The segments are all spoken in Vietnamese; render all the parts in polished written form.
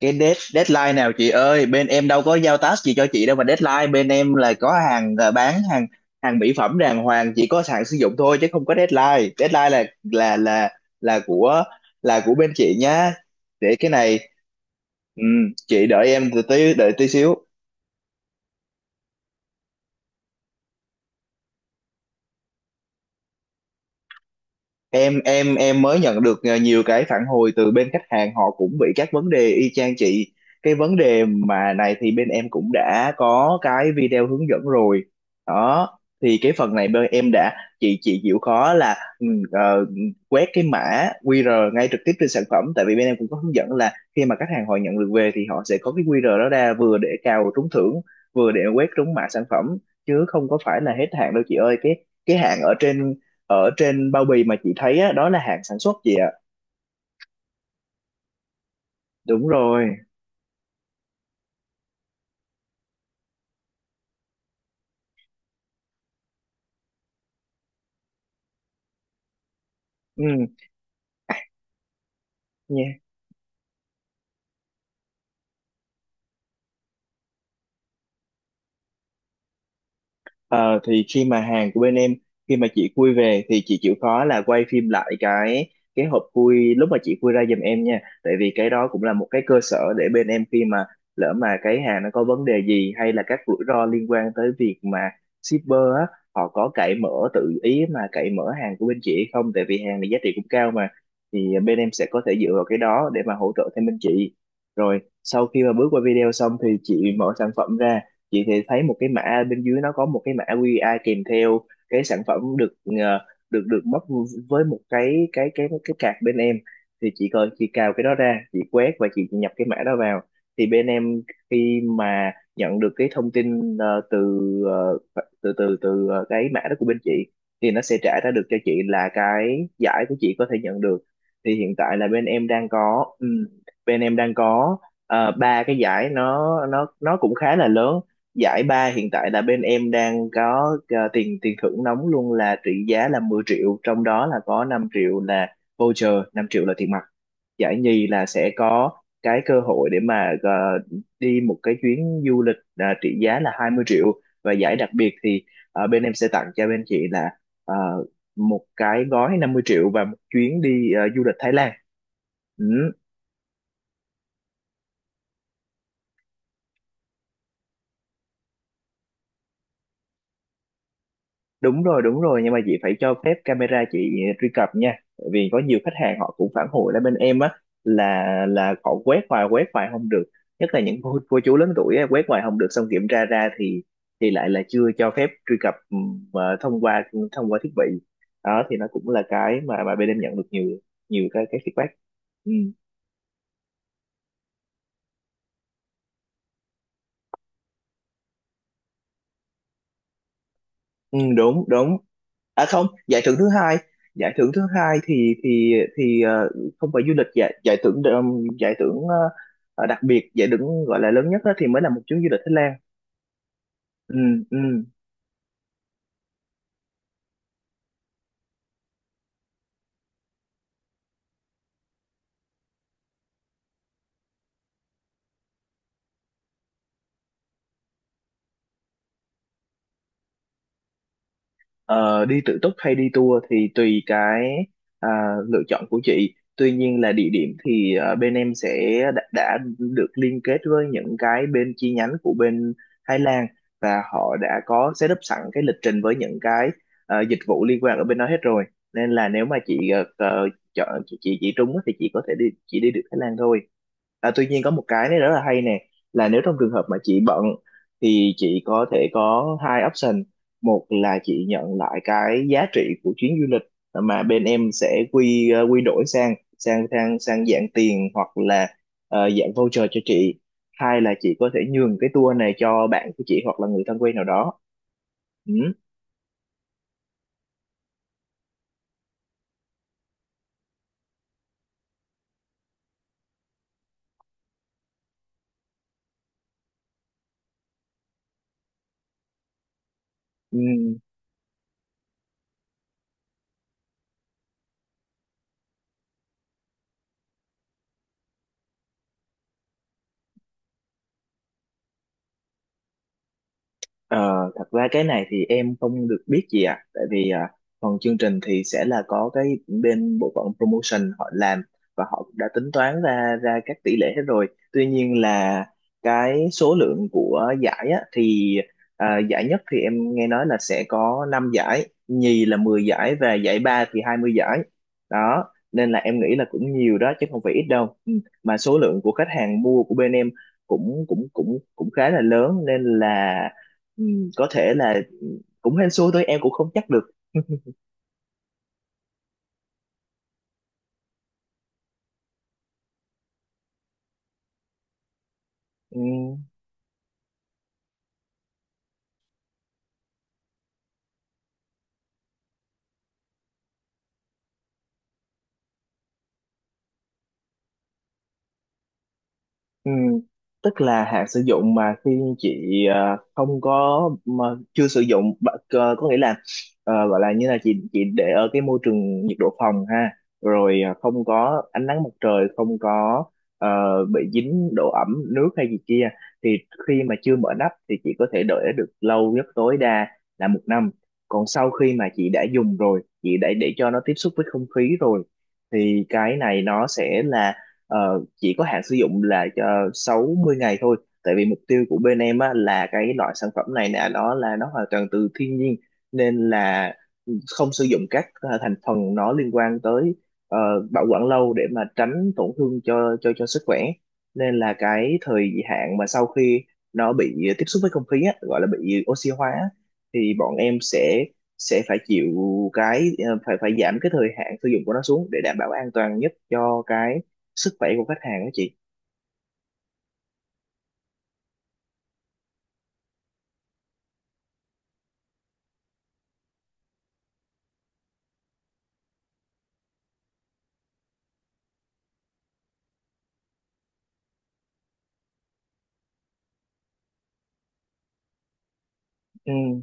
Cái deadline nào chị ơi? Bên em đâu có giao task gì cho chị đâu, mà deadline bên em là có hàng, bán hàng, hàng mỹ phẩm đàng hoàng, chỉ có hàng sử dụng thôi chứ không có deadline deadline. Là của bên chị nhá. Để cái này... ừ, chị đợi em từ tí, đợi tí xíu. Em mới nhận được nhiều cái phản hồi từ bên khách hàng, họ cũng bị các vấn đề y chang chị. Cái vấn đề mà này thì bên em cũng đã có cái video hướng dẫn rồi đó, thì cái phần này bên em đã... Chị chịu khó là quét cái mã QR ngay trực tiếp trên sản phẩm, tại vì bên em cũng có hướng dẫn là khi mà khách hàng họ nhận được về thì họ sẽ có cái QR đó ra, vừa để cào trúng thưởng, vừa để quét trúng mã sản phẩm, chứ không có phải là hết hạn đâu chị ơi. Cái hạn ở trên, ở trên bao bì mà chị thấy á, đó là hạn sản xuất chị ạ. Đúng rồi. ừ, Nha. Ờ, thì khi mà hàng của bên em, khi mà chị khui về thì chị chịu khó là quay phim lại cái hộp khui lúc mà chị khui ra giùm em nha, tại vì cái đó cũng là một cái cơ sở để bên em khi mà lỡ mà cái hàng nó có vấn đề gì, hay là các rủi ro liên quan tới việc mà shipper á, họ có cậy mở, tự ý mà cậy mở hàng của bên chị hay không, tại vì hàng này giá trị cũng cao mà, thì bên em sẽ có thể dựa vào cái đó để mà hỗ trợ thêm bên chị. Rồi sau khi mà bước qua video xong thì chị mở sản phẩm ra, chị thì thấy một cái mã bên dưới, nó có một cái mã QR kèm theo. Cái sản phẩm được được được bóc, với một cái card bên em, thì chị coi, chị cào cái đó ra, chị quét và chị nhập cái mã đó vào, thì bên em khi mà nhận được cái thông tin từ, ờ, từ cái mã đó của bên chị, thì nó sẽ trả ra được cho chị là cái giải của chị có thể nhận được. Thì hiện tại là bên em đang có, bên em đang có ba cái giải, nó cũng khá là lớn. Giải ba hiện tại là bên em đang có tiền tiền thưởng nóng luôn, là trị giá là 10 triệu, trong đó là có 5 triệu là voucher, 5 triệu là tiền mặt. Giải nhì là sẽ có cái cơ hội để mà đi một cái chuyến du lịch, trị giá là 20 triệu. Và giải đặc biệt thì bên em sẽ tặng cho bên chị là ờ, một cái gói 50 triệu và một chuyến đi du lịch Thái Lan. Ừ. Đúng rồi, đúng rồi, nhưng mà chị phải cho phép camera chị truy cập nha. Tại vì có nhiều khách hàng họ cũng phản hồi lại bên em á, là họ quét hoài, quét hoài không được, nhất là những cô chú lớn tuổi á, quét hoài không được, xong kiểm tra ra thì lại là chưa cho phép truy cập, thông qua, thông qua thiết bị đó, thì nó cũng là cái mà bên em nhận được nhiều, nhiều cái feedback. ừ, Ừ, đúng đúng. Không, giải thưởng thứ hai, giải thưởng thứ hai thì không phải du lịch. Giải giải thưởng giải thưởng đặc biệt, giải thưởng gọi là lớn nhất đó, thì mới là một chuyến du lịch Thái Lan. ừ, ừ. Ờ, Đi tự túc hay đi tour thì tùy cái à, lựa chọn của chị. Tuy nhiên là địa điểm thì bên em sẽ đã được liên kết với những cái bên chi nhánh của bên Thái Lan, và họ đã có setup sẵn cái lịch trình với những cái dịch vụ liên quan ở bên đó hết rồi. Nên là nếu mà chị chọn, chị trúng á thì chị có thể đi, chị đi được Thái Lan thôi. À, tuy nhiên có một cái này rất là hay nè, là nếu trong trường hợp mà chị bận thì chị có thể có hai option. Một là chị nhận lại cái giá trị của chuyến du lịch mà bên em sẽ quy đổi sang sang sang sang dạng tiền, hoặc là dạng voucher cho chị. Hai là chị có thể nhường cái tour này cho bạn của chị, hoặc là người thân quen nào đó. Ừ. Ừ. Ờ, Thật ra cái này thì em không được biết gì ạ. Tại vì phần chương trình thì sẽ là có cái bên bộ phận promotion họ làm, và họ đã tính toán ra ra các tỷ lệ hết rồi. Tuy nhiên là cái số lượng của giải á, thì giải nhất thì em nghe nói là sẽ có 5 giải, nhì là 10 giải, và giải ba thì 20 giải. Đó, nên là em nghĩ là cũng nhiều đó, chứ không phải ít đâu. Ừ. Mà số lượng của khách hàng mua của bên em cũng cũng cũng cũng khá là lớn nên là, Ừ, có thể là cũng hên xui thôi, em cũng không chắc được. Ừ. Ừ, tức là hạn sử dụng mà khi chị không có mà chưa sử dụng có nghĩa là gọi là như là chị để ở cái môi trường nhiệt độ phòng ha, rồi không có ánh nắng mặt trời, không có ờ, bị dính độ ẩm nước hay gì kia, thì khi mà chưa mở nắp thì chị có thể đợi được lâu nhất, tối đa là 1 năm. Còn sau khi mà chị đã dùng rồi, chị đã để cho nó tiếp xúc với không khí rồi, thì cái này nó sẽ là ờ, chỉ có hạn sử dụng là cho 60 ngày thôi. Tại vì mục tiêu của bên em á, là cái loại sản phẩm này nè, đó là nó hoàn toàn từ thiên nhiên, nên là không sử dụng các thành phần nó liên quan tới ờ, bảo quản lâu, để mà tránh tổn thương cho sức khỏe. Nên là cái thời hạn mà sau khi nó bị tiếp xúc với không khí á, gọi là bị oxy hóa á, thì bọn em sẽ phải chịu cái phải, phải giảm cái thời hạn sử dụng của nó xuống, để đảm bảo an toàn nhất cho cái sức khỏe của khách hàng đó chị. Ừ.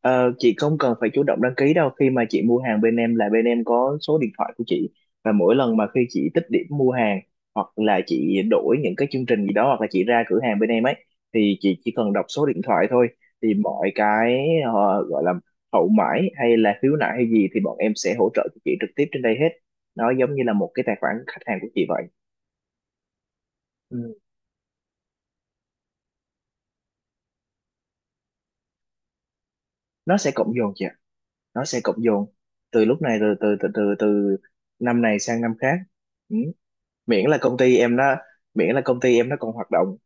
Ờ, chị không cần phải chủ động đăng ký đâu, khi mà chị mua hàng bên em là bên em có số điện thoại của chị, và mỗi lần mà khi chị tích điểm mua hàng, hoặc là chị đổi những cái chương trình gì đó, hoặc là chị ra cửa hàng bên em ấy, thì chị chỉ cần đọc số điện thoại thôi. Thì mọi cái gọi là hậu mãi, hay là khiếu nại hay gì thì bọn em sẽ hỗ trợ cho chị trực tiếp trên đây hết, nó giống như là một cái tài khoản khách hàng của chị vậy. Ừ. Nó sẽ cộng dồn chị, nó sẽ cộng dồn từ lúc này rồi, từ từ từ từ năm này sang năm khác. Ừ. Miễn là công ty em nó, miễn là công ty em nó còn hoạt động.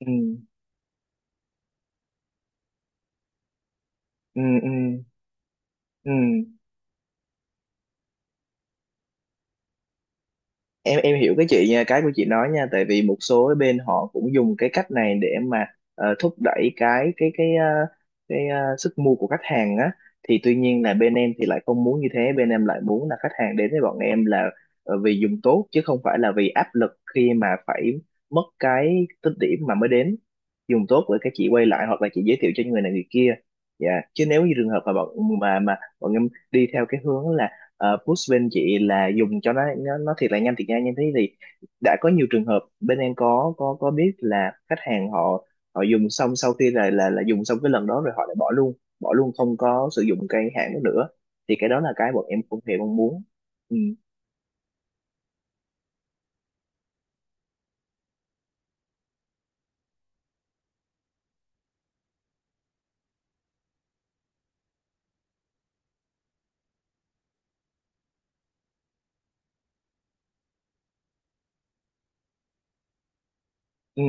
Ừ. Ừ, ừ, ừ. Em hiểu cái chị nha, cái của chị nói nha, tại vì một số cái bên họ cũng dùng cái cách này để mà thúc đẩy cái cái sức mua của khách hàng á, thì tuy nhiên là bên em thì lại không muốn như thế. Bên em lại muốn là khách hàng đến với bọn em là vì dùng tốt, chứ không phải là vì áp lực khi mà phải mất cái tích điểm mà mới đến. Dùng tốt rồi cái chị quay lại, hoặc là chị giới thiệu cho người này người kia. Dạ. Chứ nếu như trường hợp mà bọn em đi theo cái hướng là push bên chị là dùng cho nó, nó thiệt là nhanh, thiệt nhanh như thế, thì đã có nhiều trường hợp bên em có biết là khách hàng họ, họ dùng xong, sau khi là dùng xong cái lần đó rồi, họ lại bỏ luôn, bỏ luôn, không có sử dụng cái hãng đó nữa, thì cái đó là cái bọn em không hề mong muốn. Ừ. Ừ.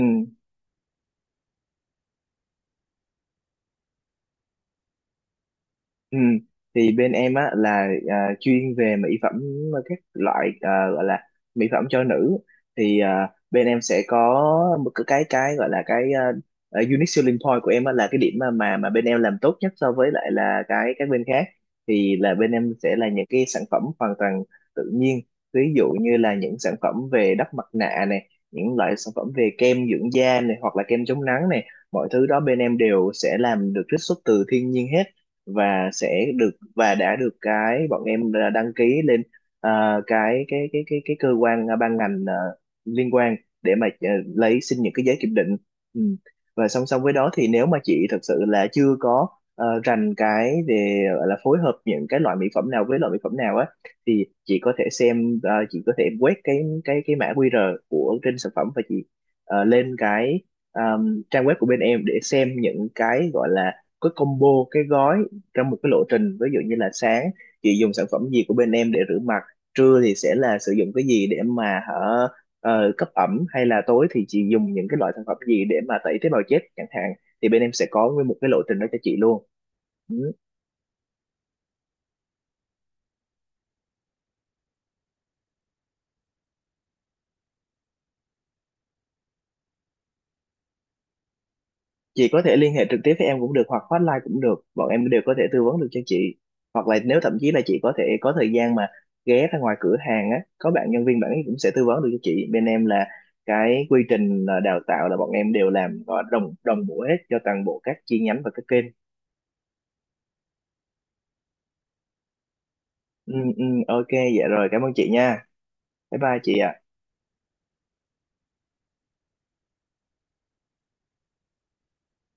Ừ. Thì bên em á, là chuyên về mỹ phẩm, các loại gọi là mỹ phẩm cho nữ. Thì bên em sẽ có một cái gọi là cái unique selling point của em á, là cái điểm mà bên em làm tốt nhất so với lại là cái các bên khác, thì là bên em sẽ là những cái sản phẩm hoàn toàn tự nhiên. Ví dụ như là những sản phẩm về đắp mặt nạ này, những loại sản phẩm về kem dưỡng da này, hoặc là kem chống nắng này. Mọi thứ đó bên em đều sẽ làm được, trích xuất từ thiên nhiên hết, và sẽ được, và đã được, cái bọn em đã đăng ký lên cái cơ quan, ban ngành liên quan, để mà lấy xin những cái giấy kiểm định. Ừ. Và song song với đó thì nếu mà chị thật sự là chưa có rành cái về gọi là phối hợp những cái loại mỹ phẩm nào với loại mỹ phẩm nào á, thì chị có thể xem, chị có thể quét cái mã QR của trên sản phẩm, và chị lên cái à, trang web của bên em để xem những cái gọi là cái combo, cái gói, trong một cái lộ trình. Ví dụ như là sáng chị dùng sản phẩm gì của bên em để rửa mặt, trưa thì sẽ là sử dụng cái gì để mà hở, cấp ẩm, hay là tối thì chị dùng những cái loại sản phẩm gì để mà tẩy tế bào chết chẳng hạn, thì bên em sẽ có nguyên một cái lộ trình đó cho chị luôn. Ừ. Chị có thể liên hệ trực tiếp với em cũng được, hoặc hotline cũng được, bọn em đều có thể tư vấn được cho chị. Hoặc là nếu thậm chí là chị có thể có thời gian mà ghé ra ngoài cửa hàng á, có bạn nhân viên bạn ấy cũng sẽ tư vấn được cho chị. Bên em là cái quy trình đào tạo là bọn em đều làm gọi đồng đồng bộ hết cho toàn bộ các chi nhánh và các kênh. Ừ, ừ, ok. Dạ rồi, cảm ơn chị nha. Bye bye chị ạ.